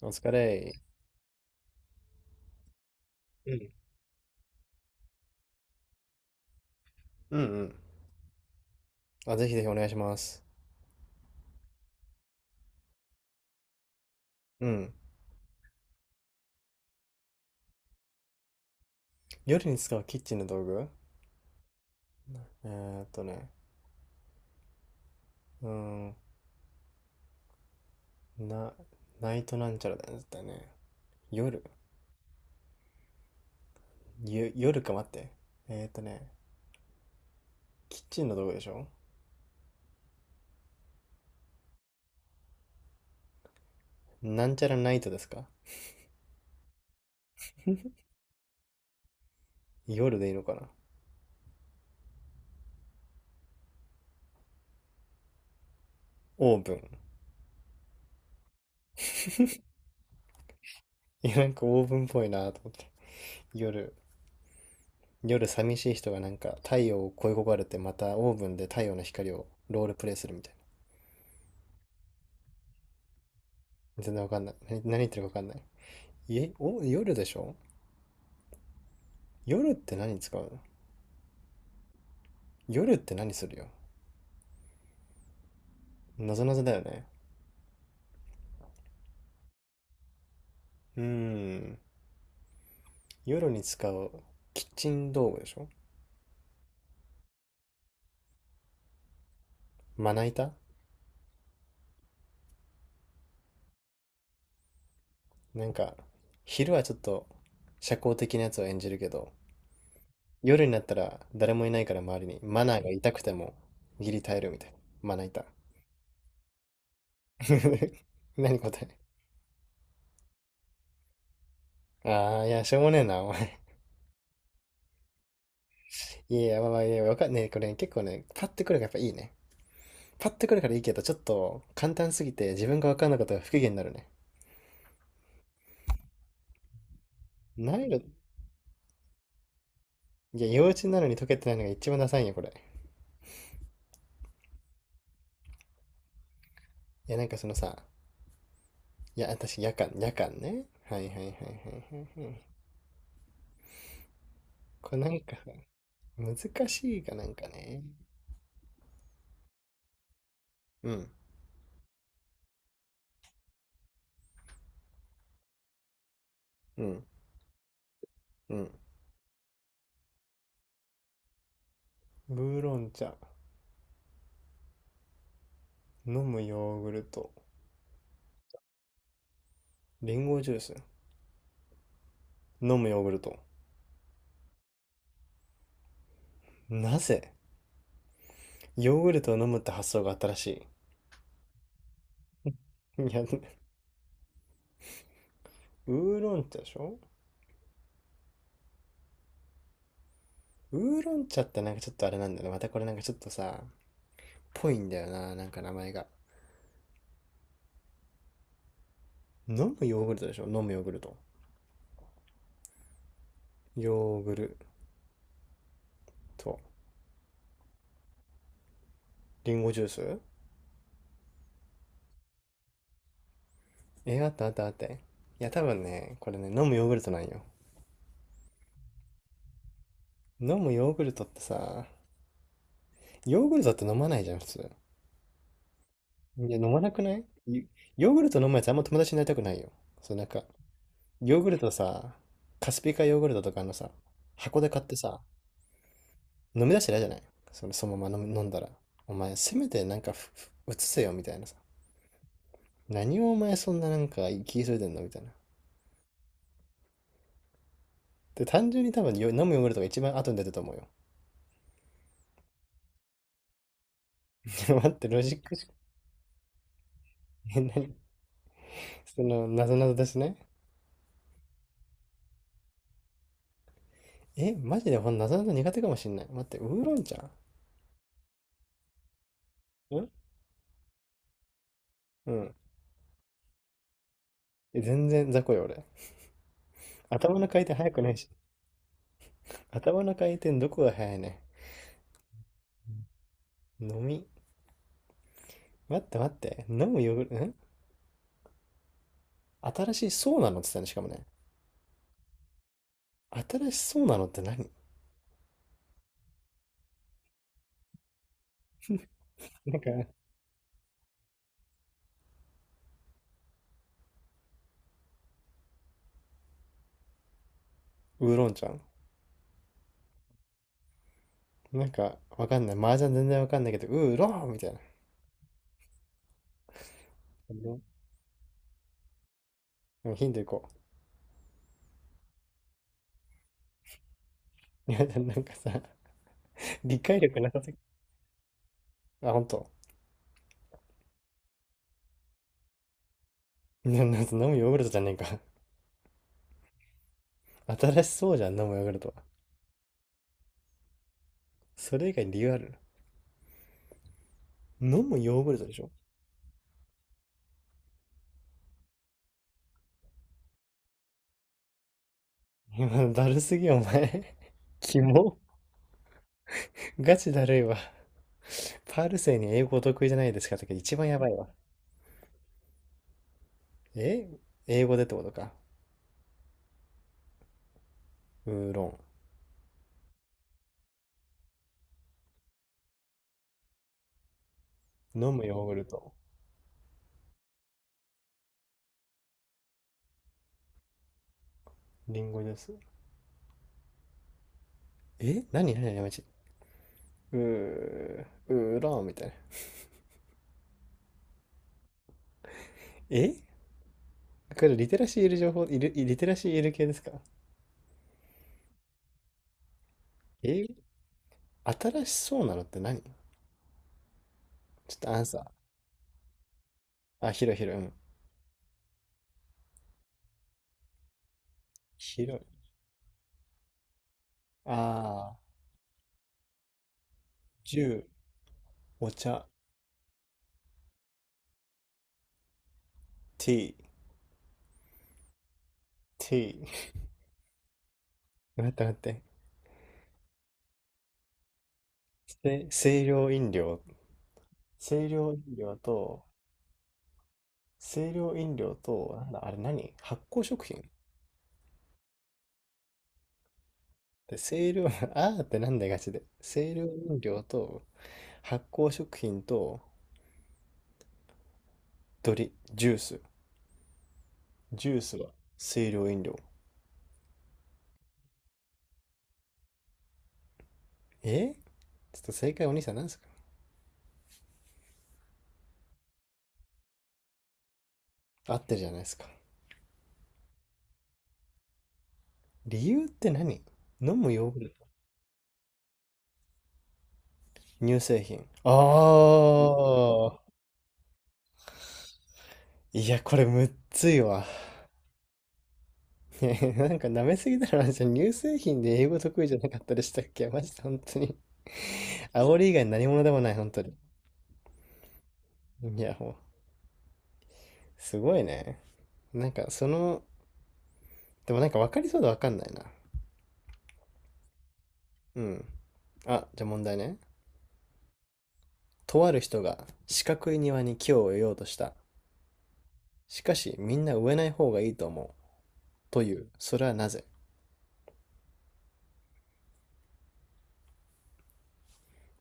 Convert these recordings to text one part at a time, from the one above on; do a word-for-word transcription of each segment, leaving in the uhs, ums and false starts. お疲れ。うんうんうん。あ、ぜひぜひお願いします。うん。夜に使うキッチンの道具、えーっとね。うーん。な、ナイトなんちゃらだよね。絶対ね。夜。ゆ、夜か、待って。えーっとね。キッチンの道具でしょ？なんちゃらナイトですか？ 夜でいいのかな。オーブン。いや、なんかオーブンっぽいなと思って。夜。夜寂しい人がなんか太陽を恋焦がれてまたオーブンで太陽の光をロールプレイするみたいな。全然わかんない。何、何言ってるかわかんない。いえ、お、夜でしょ？夜って何使うの？夜って何するよ。なぞなぞだよね。うーん。夜に使うキッチン道具でしょ？まな板。なんか、昼はちょっと社交的なやつを演じるけど、夜になったら誰もいないから周りにマナーが痛くてもギリ耐えるみたいな。まな板。何？答え？ああー、いや、しょうもねえな、お前。いやいや、まあまあ、いや、わかんねえ。これね、結構ね、パッてくるからやっぱいいね。パッとくるからいいけど、ちょっと簡単すぎて自分が分かんなかったら不機嫌になるね。難易度、いや、幼稚なのに解けてないのが一番ダサいんよ、これ。いや、なんかそのさ、いや、私、夜間、夜間ね。はいはいはいはいはいはい。これなんか、難しいかなんかね。うん、うん、うん。ウーロン茶、飲むヨーグルト、リンゴジュース、飲むヨーグルト。なぜ、ヨーグルトを飲むって発想があったらしい。いや、ウーロン茶でしょ？ウーロン茶ってなんかちょっとあれなんだよね、またこれなんかちょっとさ、ぽいんだよな、なんか名前が。飲むヨーグルトでしょ？飲むヨーグルト。ヨーグルト。リンゴジュース。え、あったあったあった。いや、多分ね、これね、飲むヨーグルトなんよ。飲むヨーグルトってさ、ヨーグルトって飲まないじゃん、普通。いや、飲まなくないヨヨーグルト飲むやつあんま友達になりたくないよ。そう、なんか、ヨーグルトさ、カスピカヨーグルトとかのさ、箱で買ってさ、飲み出してないじゃない、そのそのまま飲飲んだら。お前、せめてなんかうつせよみたいなさ。何をお前そんななんか気急いでんのみたいな。で、単純に多分飲むヨーグルトが一番後に出てると思うよ。待って、ロジックしか、え、なに？その、なぞなぞですね。え、マジでほんなぞなぞ苦手かもしんない。待って、ウーロン茶ん、うん。え、全然雑魚よ、俺。頭の回転速くないし。頭の回転どこが速いね。飲み。待って待って。飲むヨーグルト、ん新しいそうなのって言ったね、しかもね。新しそうなのって何？なんか、ウーロンちゃん。なんか、わかんない。麻雀全然わかんないけど、ウーロンみたいな。うん、ヒントいこう。いや、なんかさ、理解力なさすぎ。あ、ほんと？な、なんか飲むヨーグルトじゃねえか。新しそうじゃん、飲むヨーグルトは。それ以外に理由ある？飲むヨーグルトでしょ？いや、だるすぎ、お前。キモ。ガチだるいわ。パールセに英語お得意じゃないですかとか一番やばいわ。え、英語でってことか。ウーロン。飲むヨーグルト。リンゴジュース。え、何何何やめち。うー、うーらーみたいな。え、これリテラシーいる情報、いる、リテラシーいる系ですか？え、新しそうなのって何？ちょっとアンサー。あ、広い広い。うん。広い。あー、ジュー、お茶、ティー、ティー。待って待って。せ清涼飲料。清涼飲料と、清涼飲料と、なんだ、あれ、何？発酵食品で、清涼、あーってなんだガチで。清涼飲料と、発酵食品と、ドリ、ジュース。ジュースは清涼飲料。え、ちょっと正解お兄さん何ですか？合ってるじゃないですか。理由って何？飲むヨーグルト。乳製品。ああ。いや、これむっついわ。なんか舐めすぎだろ、じゃん。乳製品で英語得意じゃなかったでしたっけ？マジで本当に。煽り以外何者でもない、本当に。いや、もう、すごいね。なんかその、でもなんか分かりそうで分かんないな。うん。あ、じゃあ問題ね。とある人が四角い庭に木を植えようとした。しかし、みんな植えない方がいいと思う、という。それはなぜ？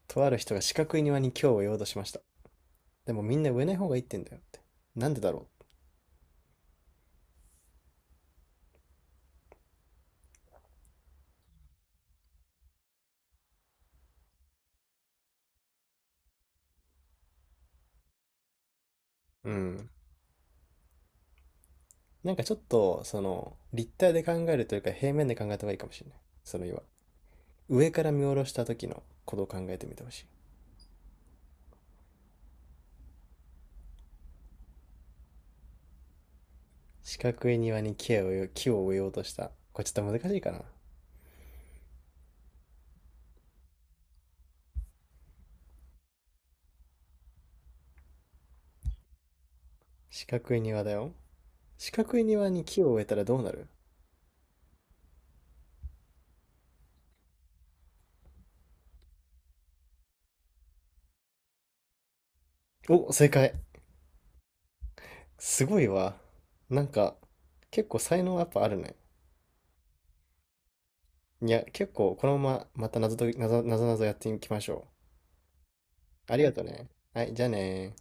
とある人が四角い庭に今日を言おうとしました。でもみんな植えない方がいいってんだよって。なんでだろう。うん。なんかちょっと、その、立体で考えるというか平面で考えた方がいいかもしれない。その岩。上から見下ろした時のことを考えてみてほしい。四角い庭に木を植え木を植えようとした。これちょっと難しいかな。四角い庭だよ。四角い庭に木を植えたらどうなる？お、正解。すごいわ。なんか、結構才能やっぱあるね。いや、結構、このまままた謎と、謎、謎々やっていきましょう。ありがとね。はい、じゃあね